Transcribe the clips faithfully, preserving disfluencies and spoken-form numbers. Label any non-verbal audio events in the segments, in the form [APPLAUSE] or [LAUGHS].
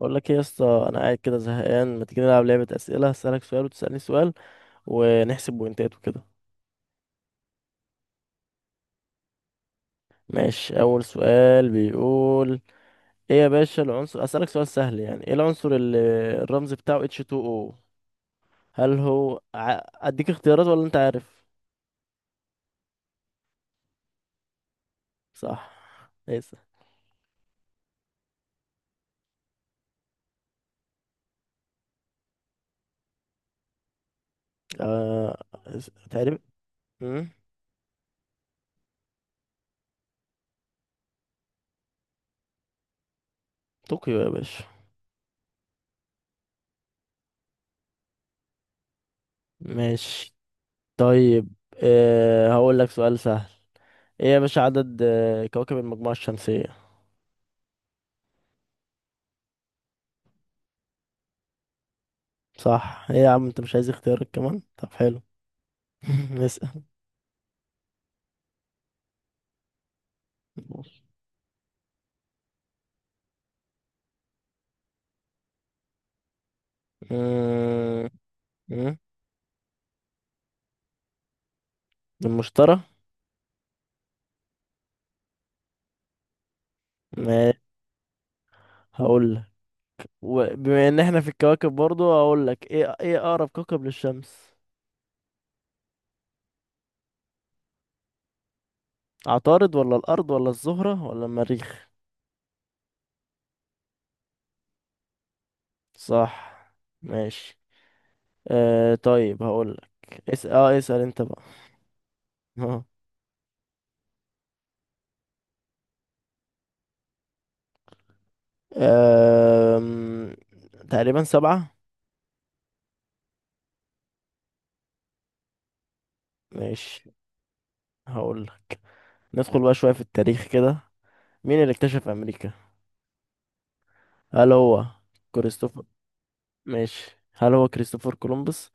بقول لك ايه يا اسطى، انا قاعد كده زهقان، ما تيجي نلعب لعبه اسئله؟ هسألك سؤال وتسألني سؤال ونحسب بوينتات وكده. ماشي، اول سؤال بيقول: ايه يا باشا العنصر؟ اسألك سؤال سهل، يعني ايه العنصر اللي الرمز بتاعه اتش تو او؟ هل هو ع... اديك اختيارات ولا انت عارف؟ صح. ليس. آه... تقريبا. مم، طوكيو يا باشا. ماشي. طيب، آه... هقول لك سؤال سهل. ايه يا باشا عدد آه، كواكب المجموعه الشمسيه؟ صح. ايه يا عم، انت مش عايز اختيارك كمان؟ طب حلو. [LAUGHS] نسأل. أمم، أمم، المشتري. ما هقول لك، وبما ان احنا في الكواكب برضو، هقول لك ايه ايه اقرب كوكب للشمس؟ عطارد ولا الارض ولا الزهرة ولا المريخ؟ صح. ماشي. آه طيب هقول لك اس اه اسأل انت بقى. اه. آم، تقريبا سبعة. ماشي. هقول لك: ندخل بقى شوية في التاريخ كده. مين اللي اكتشف امريكا؟ هل هو كريستوفر؟ ماشي، هل هو كريستوفر كولومبوس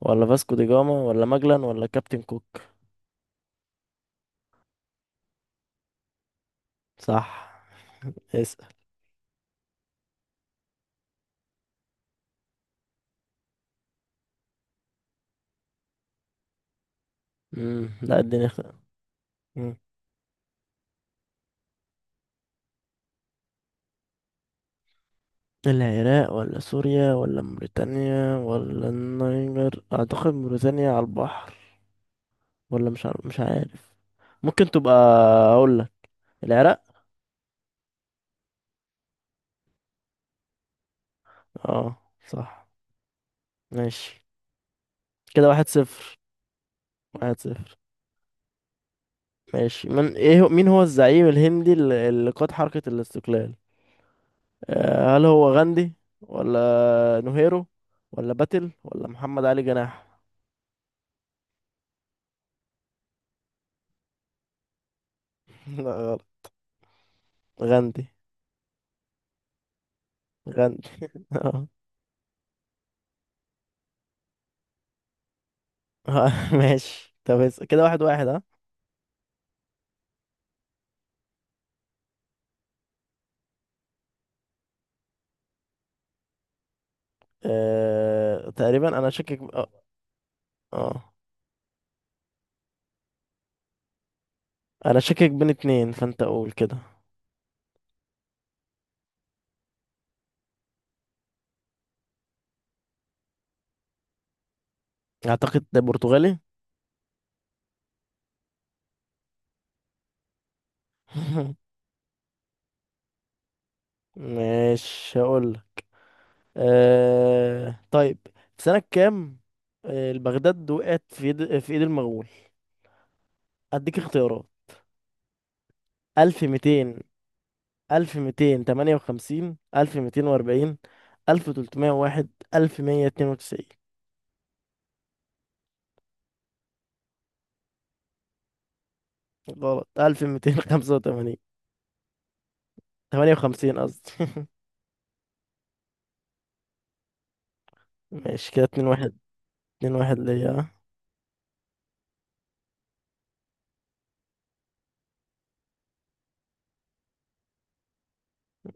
ولا فاسكو دي جاما ولا ماجلان ولا كابتن كوك؟ صح. اسأل. مم. لا اديني خ... مم. العراق ولا سوريا ولا موريتانيا ولا النيجر؟ اعتقد موريتانيا على البحر، ولا مش عارف، مش عارف. ممكن تبقى، اقول لك العراق. اه، صح. ماشي، كده واحد صفر، واحد صفر. ماشي. من ايه هو- مين هو الزعيم الهندي اللي اللي قاد حركة الاستقلال؟ آه، هل هو غاندي ولا نهيرو ولا باتل ولا محمد علي جناح؟ [LAUGHS] لا غلط، غاندي. غاندي. [LAUGHS] آه. آه، ماشي. طب اس- كده واحد واحد، ها. أه تقريبا، انا شاكك ب- اه آه. انا شاكك بين اتنين، فانت قول كده. اعتقد ده برتغالي. [LAUGHS] ماشي هقول لك. أه طيب، في سنة كام آه، البغداد وقعت في يد في ايد المغول؟ اديك اختيارات: ألف ميتين، ألف ميتين تمانية وخمسين، ألف ميتين وأربعين، ألف تلتمية واحد، ألف مية اتنين وتسعين. غلط، ألف ميتين خمسة وتمانين. تمانية وخمسين قصدي. [LAUGHS] ماشي، كده اتنين واحد، اتنين واحد ليا.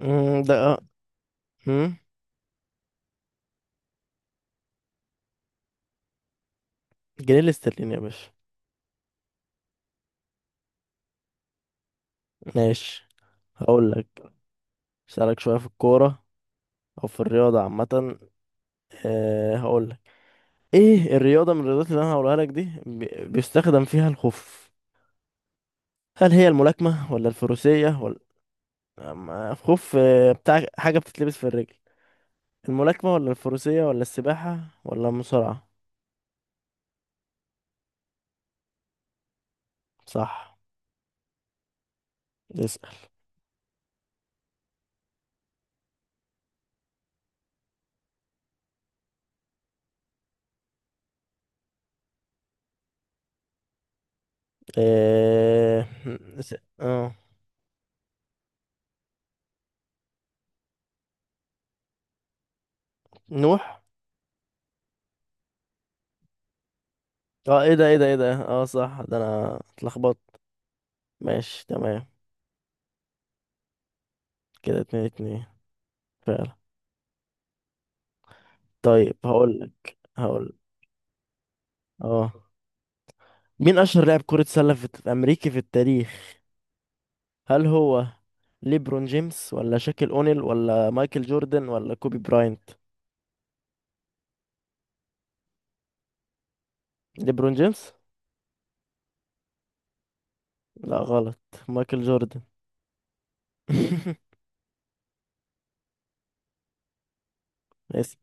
أمم، ده أه. أمم، جنيه الاسترليني يا باشا. ماشي. هقول لك: أسألك شوية في الكورة أو في الرياضة عامة. أه، هقول لك: إيه الرياضة من الرياضات اللي أنا هقولها لك دي بي- بيستخدم فيها الخوف؟ هل هي الملاكمة ولا الفروسية؟ أما خوف، آه، بتاع حاجة بتتلبس في الرجل. الملاكمة ولا الفروسية ولا السباحة ولا المصارعة؟ صح. اسأل. اه. اس- آه. نوح. اه، ايه ده ايه ده ايه ده، اه صح، ده انا اتلخبطت. ماشي تمام، كده اتنين اتنين، فعلا. طيب هقولك هقول اه: مين اشهر لاعب كرة سلة في في امريكي في التاريخ؟ هل هو ليبرون جيمس ولا شاكيل اونيل ولا مايكل جوردن ولا كوبي براينت؟ ليبرون جيمس. لا غلط، مايكل جوردن. [LAUGHS] اسم.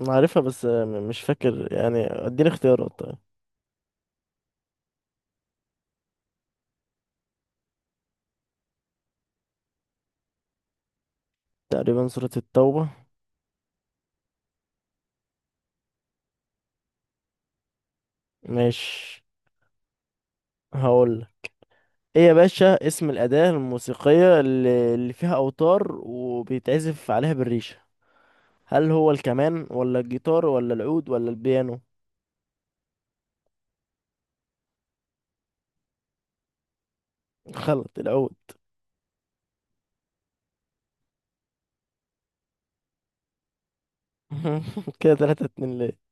أنا عارفها بس م- مش فاكر، يعني اديني اختيارات طيب. تقريبا سورة التوبة. ماشي. هقول: ايه يا باشا اسم الأداة الموسيقية اللي اللي فيها أوتار وبيتعزف عليها بالريشة؟ هل هو الكمان ولا الجيتار ولا العود ولا البيانو؟ غلط، العود. [LAUGHS] كده تلاتة اتنين ليه.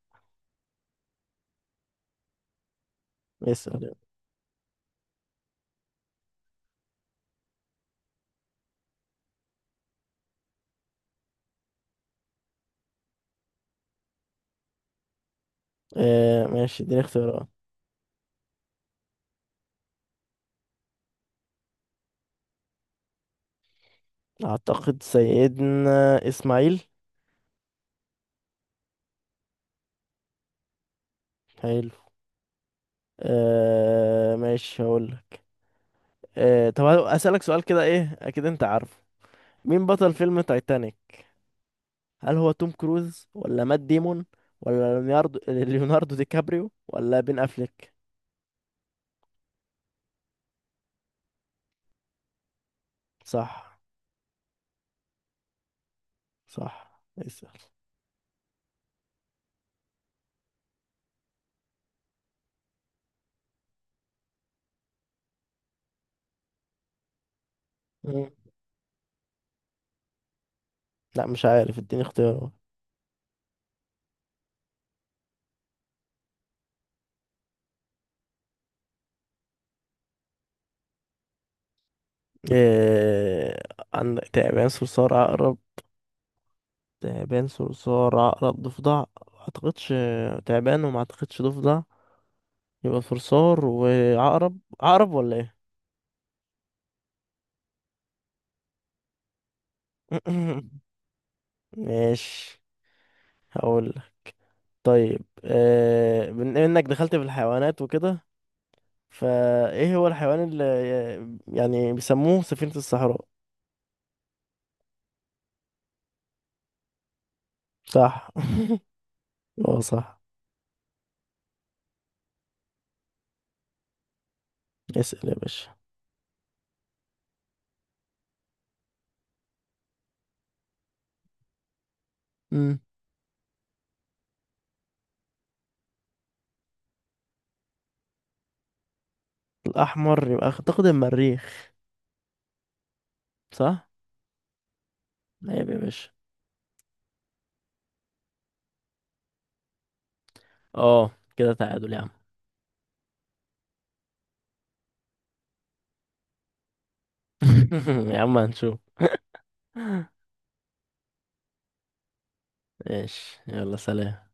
اسأل. آه ماشي، اديني اختيارات. أعتقد سيدنا إسماعيل. حلو. آه ماشي، هقول. آه طب أسألك سؤال كده، ايه، اكيد انت عارفه: مين بطل فيلم تايتانيك؟ هل هو توم كروز ولا مات ديمون ولا ليوناردو ليوناردو دي كابريو ولا بين افليك؟ صح. صح، اسأل. مم. لا مش عارف، اديني اختيار. آه. عندك تعبان صرصار عقرب، تعبان صرصار عقرب ضفدع. ما اعتقدش تعبان، وما اعتقدش ضفدع. يبقى صرصار وعقرب، عقرب ولا ايه؟ [CLEARS THROAT] [LAUGHS] ماشي. هقول لك: طيب آه، بما انك دخلت في الحيوانات وكده، فايه هو الحيوان اللي يعني بيسموه سفينة الصحراء؟ صح. [LAUGHS] اه صح. اسأل يا باشا. مم. الأحمر يبقى أعتقد المريخ. صح. عيب يا باشا. اه، كده تعادل يا عم. [LAUGHS] يا عم هنشوف. [LAUGHS] ماشي، يلا سلام.